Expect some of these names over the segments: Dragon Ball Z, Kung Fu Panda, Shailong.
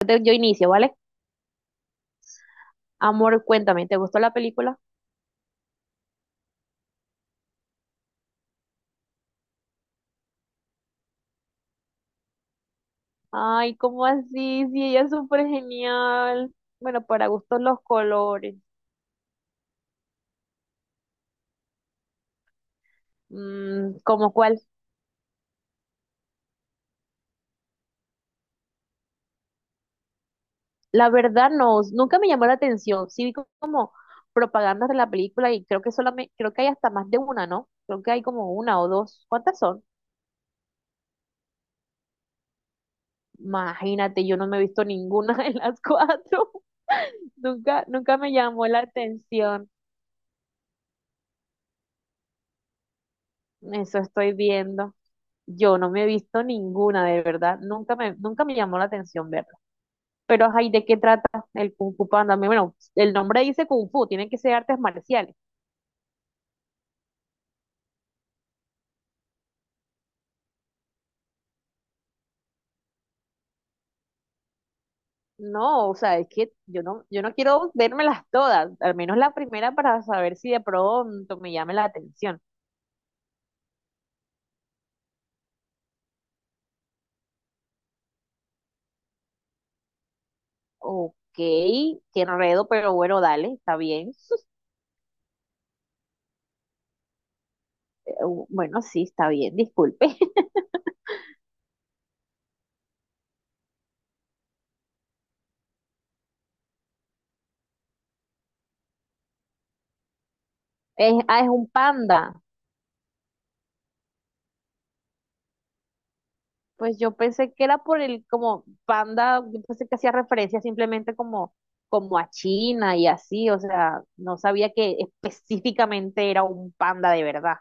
Entonces, yo inicio, ¿vale? Amor, cuéntame, ¿te gustó la película? Ay, ¿cómo así? Sí, ella es súper genial. Bueno, para gustos los colores. Mm, ¿cómo cuál? La verdad no, nunca me llamó la atención. Sí vi como propagandas de la película y creo que hay hasta más de una, ¿no? Creo que hay como una o dos. ¿Cuántas son? Imagínate, yo no me he visto ninguna de las cuatro. Nunca, nunca me llamó la atención. Eso estoy viendo. Yo no me he visto ninguna, de verdad. Nunca me llamó la atención verla. Pero, ay, ¿de qué trata el Kung Fu Panda? Bueno, el nombre dice Kung Fu, tienen que ser artes marciales. No, o sea, es que yo no quiero vérmelas todas, al menos la primera para saber si de pronto me llame la atención. Ok, qué enredo, pero bueno, dale, está bien. Eh, Bueno, sí, está bien, disculpe. Es, ah, es un panda. Pues yo pensé que era por el como panda, yo pensé que hacía referencia simplemente como, como a China y así, o sea, no sabía que específicamente era un panda de verdad.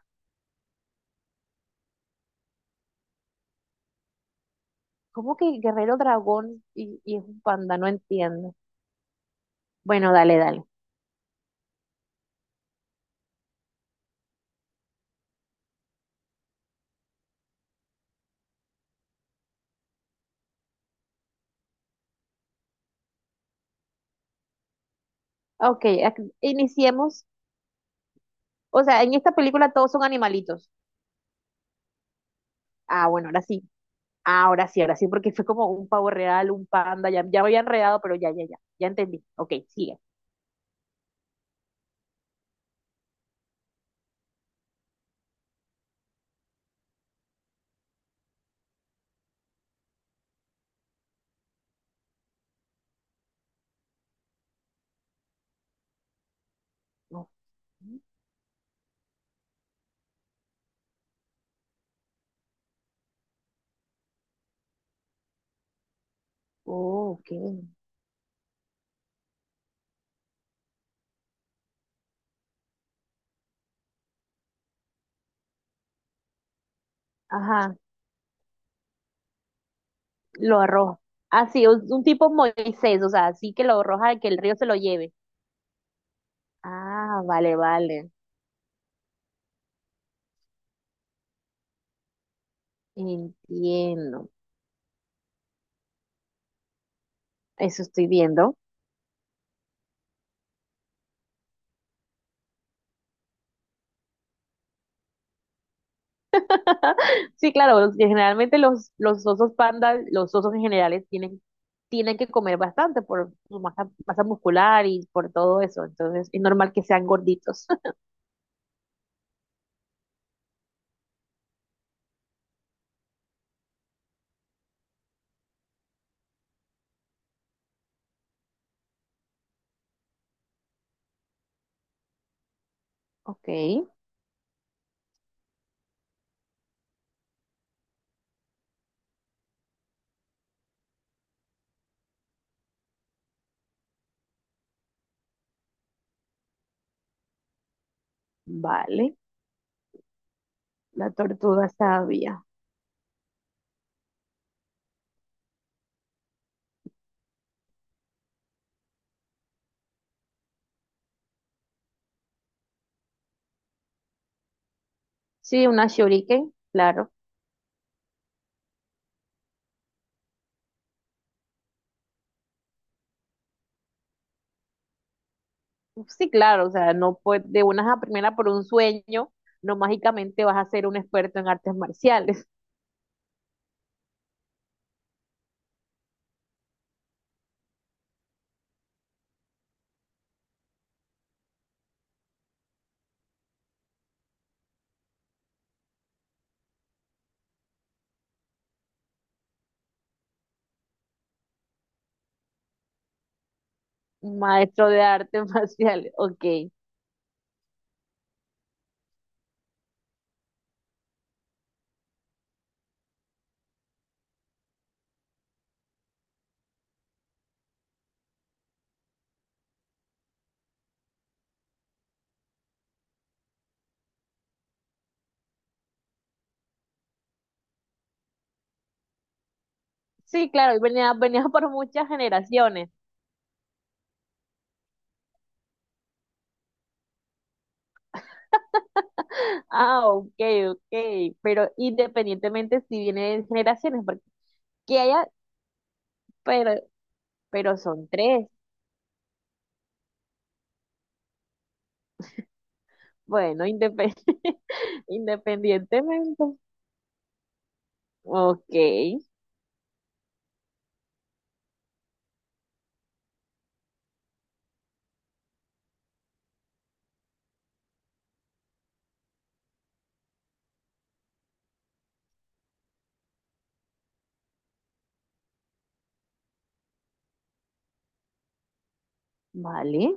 ¿Cómo que Guerrero Dragón y es un panda? No entiendo. Bueno, dale, dale. Ok, ac- iniciemos. O sea, en esta película todos son animalitos. Ah, bueno, ahora sí. Ahora sí, ahora sí, porque fue como un pavo real, un panda, ya, ya me había enredado, pero ya, ya, ya, ya entendí. Ok, sigue. Oh, ok. Ajá. Lo arroja. Así, un tipo Moisés, o sea, así que lo arroja, y que el río se lo lleve. Ah, vale, vale. Entiendo. Eso estoy viendo. Sí, claro, los- generalmente los osos pandas, los osos en general tienen, tienen que comer bastante por su masa, masa muscular y por todo eso. Entonces, es normal que sean gorditos. Ok, vale. La tortuga sabia. Sí, una shuriken, claro. Sí, claro, o sea, no puede, de una a primera por un sueño, no mágicamente vas a ser un experto en artes marciales, un maestro de artes marciales, ok. Sí, claro, y venía, venía por muchas generaciones. Ah, ok, ok, pero independientemente si viene de generaciones, porque haya, pero, pero son tres, bueno, independ- independientemente, ok, vale.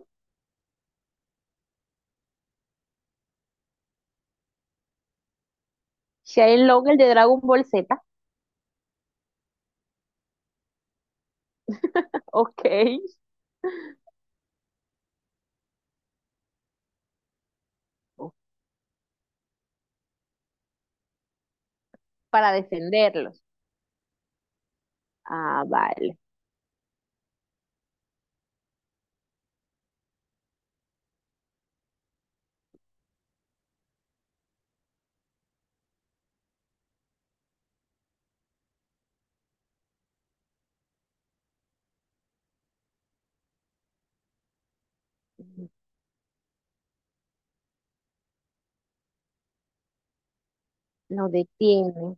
Shailong, el de Dragon Ball Z, ok, ok, para defenderlos. Ah, vale. Lo detiene.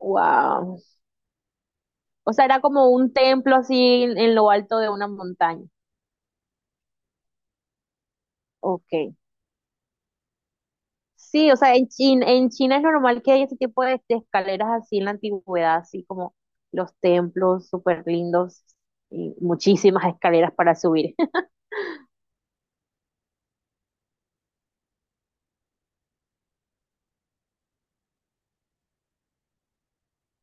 Wow. O sea, era como un templo así en lo alto de una montaña. Ok. Sí, o sea, en China es normal que haya ese tipo de escaleras así en la antigüedad, así como los templos súper lindos y muchísimas escaleras para subir.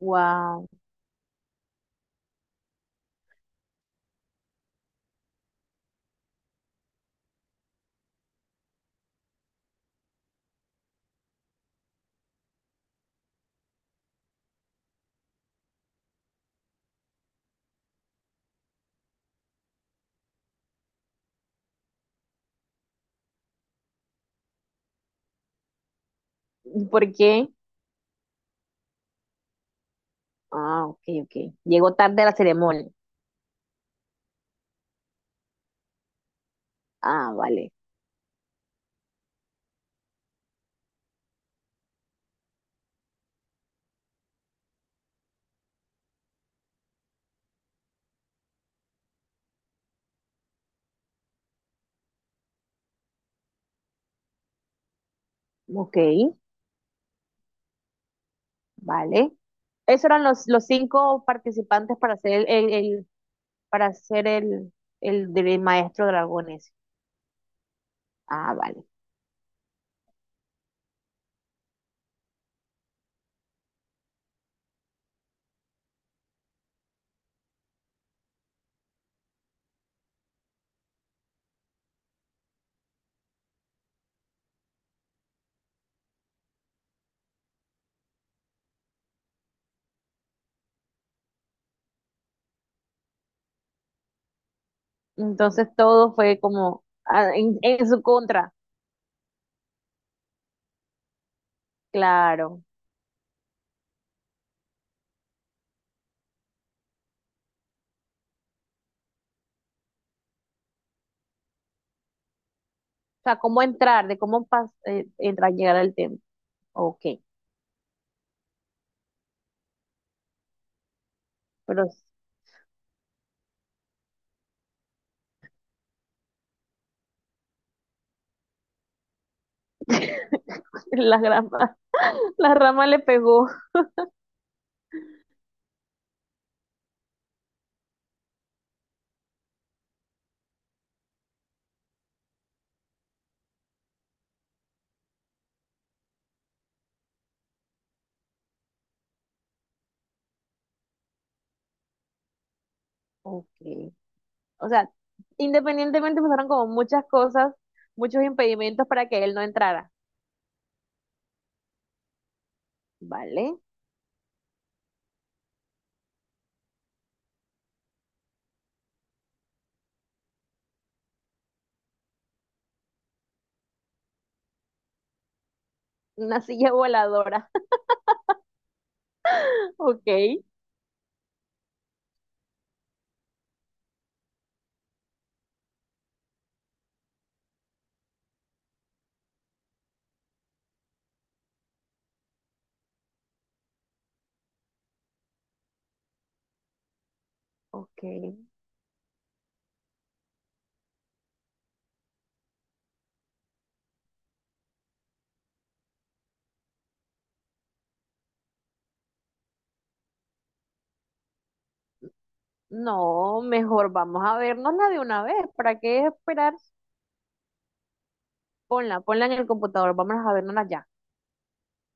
Wow. ¿Por qué? Ah, ok, ok. Llegó tarde a la ceremonia. Ah, vale. Ok. Vale. Esos eran los cinco participantes para ser el- para ser el, del maestro dragones. Ah, vale. Entonces todo fue como ah, en su contra, claro. O sea, cómo entrar, de cómo pas- entrar, llegar al templo. Ok, pero la rama, la rama le pegó. Ok. O sea, independientemente pasaron como muchas cosas, muchos impedimentos para que él no entrara. Vale. Una silla voladora. Ok, ok. No, mejor vamos a vernosla de una vez. ¿Para qué esperar? Ponla, ponla en el computador, vamos a vernosla ya.